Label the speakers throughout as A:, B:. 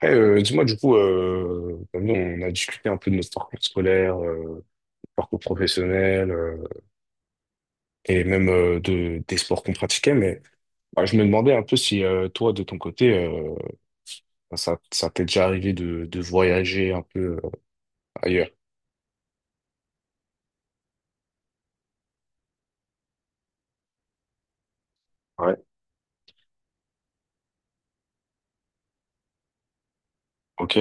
A: Après, dis-moi, du coup, comme nous, on a discuté un peu de notre parcours scolaire, parcours professionnel, et même des sports qu'on pratiquait, mais bah, je me demandais un peu si toi, de ton côté, bah, ça t'est déjà arrivé de voyager un peu ailleurs. Ouais. Ok.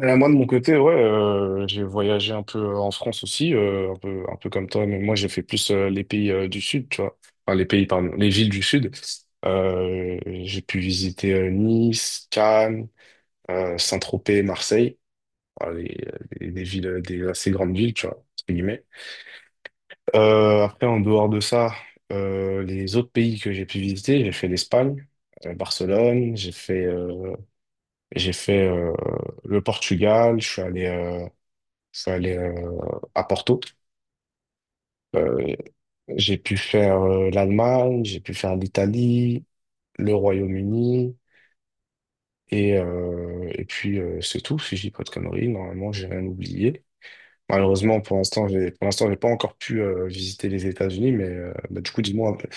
A: Moi, de mon côté, ouais, j'ai voyagé un peu en France aussi, un peu comme toi, mais moi, j'ai fait plus les pays du Sud, tu vois. Enfin, les pays, pardon, les villes du Sud. J'ai pu visiter Nice, Cannes, Saint-Tropez, Marseille, voilà, des villes, des assez grandes villes, tu vois, entre guillemets. Après, en dehors de ça, les autres pays que j'ai pu visiter, j'ai fait l'Espagne, Barcelone, j'ai fait le Portugal, je suis allé à Porto. Euh, j'ai pu faire l'Allemagne, j'ai pu faire l'Italie, le Royaume-Uni, et puis c'est tout, si je dis pas de conneries, normalement j'ai rien oublié. Malheureusement, pour l'instant, j'ai pas encore pu visiter les États-Unis, mais bah, du coup,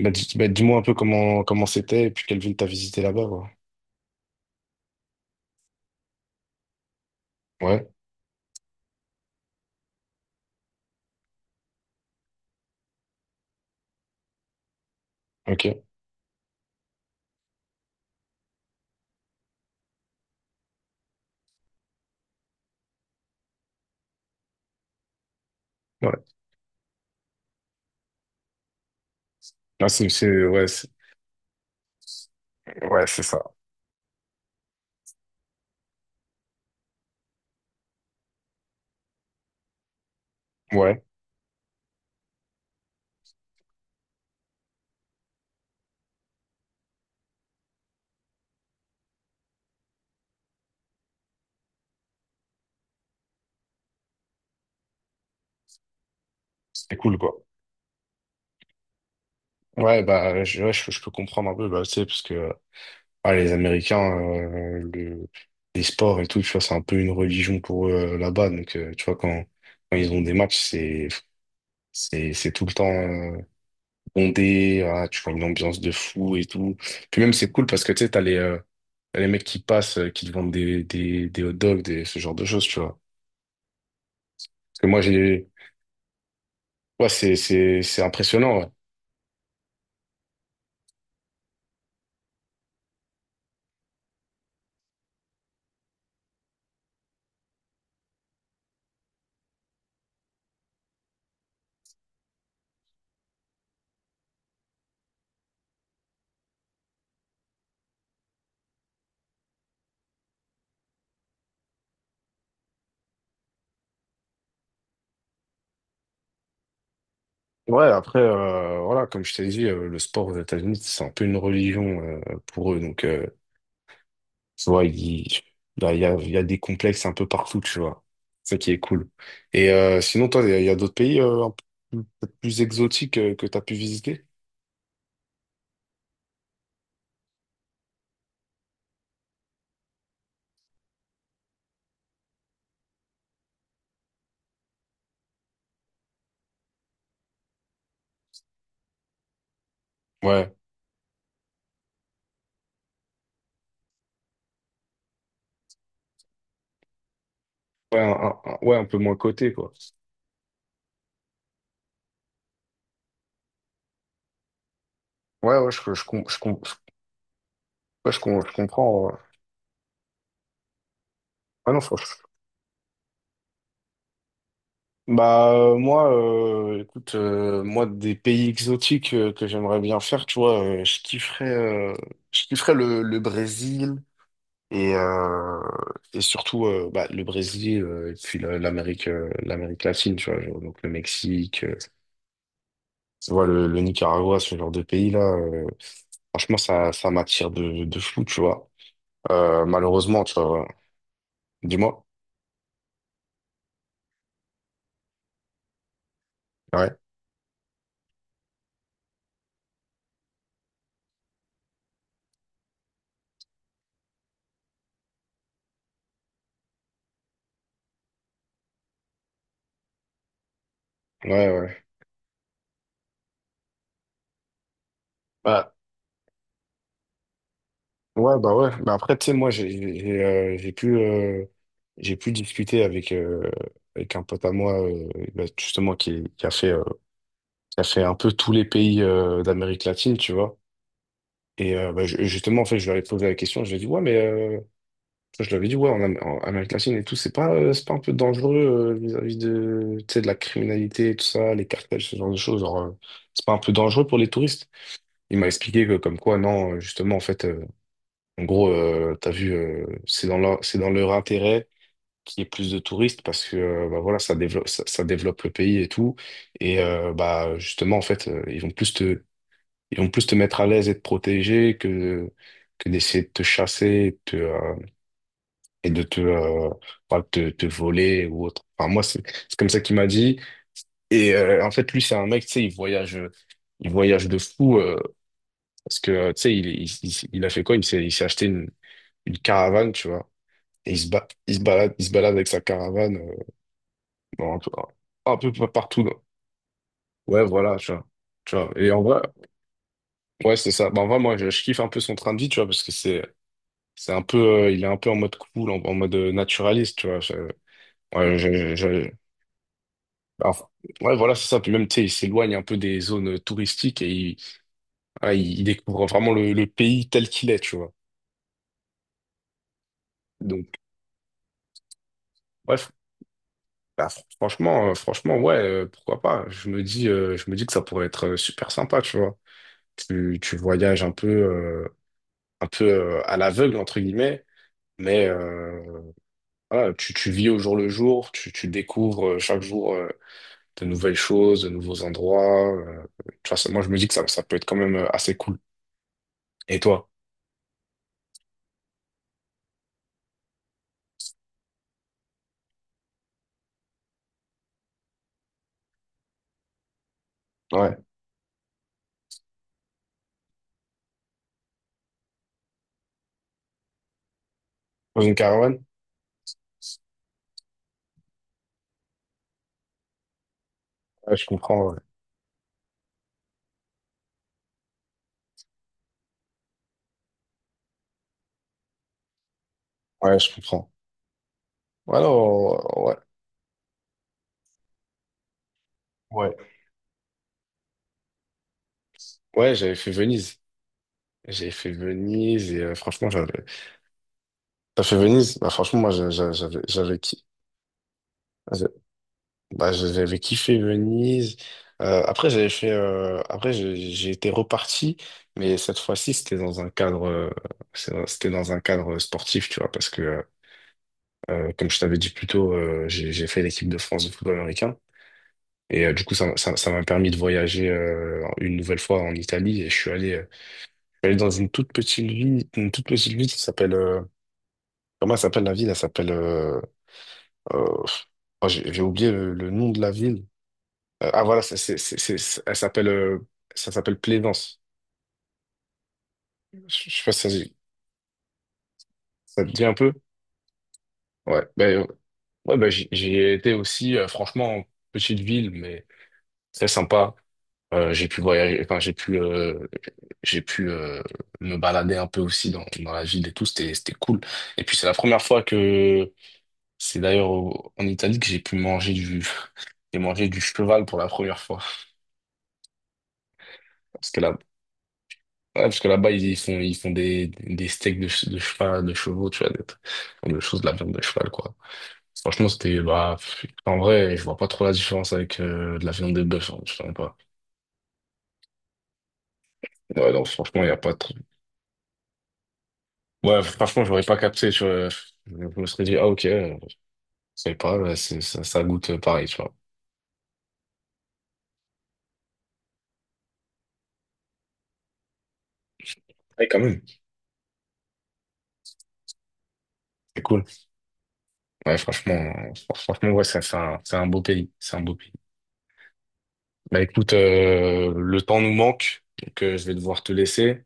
A: bah, bah, dis-moi un peu comment c'était et puis quelle ville t'as visité là-bas, quoi. Ouais, ok, ouais. Ouais, ouais, c'est ça. Ouais, c'était cool, quoi. Ouais, bah, ouais, je peux comprendre un peu, bah, tu sais, parce que les Américains, les sports et tout, tu vois, c'est un peu une religion pour eux là-bas, donc tu vois quand ils ont des matchs, c'est tout le temps, bondé, ah, tu vois une ambiance de fou et tout. Puis même, c'est cool parce que tu sais, t'as les mecs qui passent, qui te vendent des hot dogs, des, ce genre de choses, tu vois. Parce que moi, j'ai, ouais, c'est impressionnant, ouais. Ouais, après, voilà, comme je t'ai dit, le sport aux États-Unis, c'est un peu une religion, pour eux. Donc, tu vois, là, il y a des complexes un peu partout, tu vois. C'est ça qui est cool. Et sinon, toi, il y a d'autres pays un peu plus peut-être plus exotiques que tu as pu visiter? Ouais. Ouais, ouais, un peu moins coté, quoi. Ouais, ouais, je, je, com- je, com- je- ouais, je comprends, Ah non, faut- Bah, moi, écoute, moi, des pays exotiques que j'aimerais bien faire, tu vois, euh, je kifferais le Brésil et, euh, et surtout bah, le Brésil et puis la- l'Amérique l'Amérique latine, tu vois, genre, donc le Mexique, tu vois, le Nicaragua, ce genre de pays-là, franchement, ça m'attire de fou, tu vois. Malheureusement, tu vois, voilà. Dis-moi. Ouais. Ouais, ouais. Ouais. Ouais, bah ouais. Mais après, tu sais, moi, j'ai euh, j'ai pu, euh, j'ai pu discuter avec, avec un pote à moi, bah, justement, qui a fait un peu tous les pays d'Amérique latine, tu vois. Et bah, justement, en fait, je lui avais posé la question, je lui ai dit, ouais, mais enfin, je lui avais dit, ouais, en Amérique latine et tout, c'est pas un peu dangereux vis-à-vis de, tu sais, de la criminalité, tout ça, les cartels, ce genre de choses. Genre, c'est pas un peu dangereux pour les touristes. Il m'a expliqué que, comme quoi, non, justement, en fait, en gros, t'as vu, c'est dans leur intérêt qu'il y ait plus de touristes parce que bah voilà, ça développe le pays et tout. Et bah justement, en fait, ils vont plus te mettre à l'aise et te protéger que d'essayer de te chasser et de te, et de te, euh, bah, te voler ou autre. Enfin, moi, c'est comme ça qu'il m'a dit. Et en fait, lui, c'est un mec, tu sais, il voyage de fou parce que, tu sais, il a fait quoi? Il s'est acheté une caravane, tu vois. Et il se balade avec sa caravane dans un peu, un peu partout, ouais, voilà, tu vois. Tu vois. Et en vrai, ouais, c'est ça. Bah, en vrai, je kiffe un peu son train de vie, tu vois, parce que c'est un peu, il est un peu en mode cool, en mode naturaliste, tu vois. Ouais, je- je- je- bah, enfin, ouais, voilà, c'est ça. Puis même, tu sais, il s'éloigne un peu des zones touristiques il découvre vraiment le pays tel qu'il est, tu vois. Donc, bref. Bah, franchement, franchement, ouais, pourquoi pas. Je me dis que ça pourrait être super sympa, tu vois. Tu voyages un peu, à l'aveugle, entre guillemets, mais voilà, tu vis au jour le jour, tu découvres chaque jour de nouvelles choses, de nouveaux endroits, tu vois, moi, je me dis que ça peut être quand même assez cool. Et toi? Ouais. Dans une caravane? Ouais, je comprends. Ouais, Ouais, je comprends. Alors, ouais. Ouais, ouais, j'avais fait Venise. J'avais fait Venise et franchement, j'avais. T'as fait Venise? Bah, franchement, moi, j'avais kiffé. Bah, j'avais kiffé Venise. Après, j'avais fait. Après, j'ai été reparti, mais cette fois-ci, c'était dans un cadre sportif, tu vois, parce que, comme je t'avais dit plus tôt, j'ai fait l'équipe de France de football américain. Et du coup, ça m'a permis de voyager une nouvelle fois en Italie. Et je suis allé dans une toute petite ville, une toute petite ville qui s'appelle, comment elle s'appelle la ville? Elle s'appelle. Euh, oh, j'ai oublié le nom de la ville. Ah voilà, c'est- elle s'appelle ça s'appelle Plaisance. Je, je sais pas si ça te dit un peu. Ouais, ouais, ben j'y ai été aussi, franchement, petite ville, mais très sympa. J'ai pu voyager, enfin j'ai pu me balader un peu aussi dans la ville et tout, c'était cool. Et puis c'est la première fois que c'est d'ailleurs en Italie que j'ai pu manger du j'ai mangé du cheval pour la première fois. Parce que là ouais, parce que là-bas, ils font des steaks de, de chevaux, tu vois, des choses de la viande de cheval, quoi. Franchement, c'était, bah, pff, en vrai, je vois pas trop la différence avec de la viande de bœuf, hein, je sais même pas. Ouais, non, franchement, il y a pas trop. Ouais, franchement, j'aurais pas capté, tu vois. Je me serais dit, ah, ok, je sais pas, ouais, ça goûte pareil, tu vois. Ouais, quand même, c'est cool. Ouais, franchement, franchement, ouais, c'est un beau pays, c'est un beau pays. Bah, écoute, le temps nous manque, donc je vais devoir te laisser.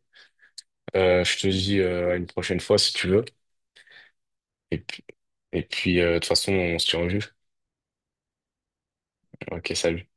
A: Je te dis à une prochaine fois si tu veux. Et puis, de toute façon, on se tient au jus. Ok, salut.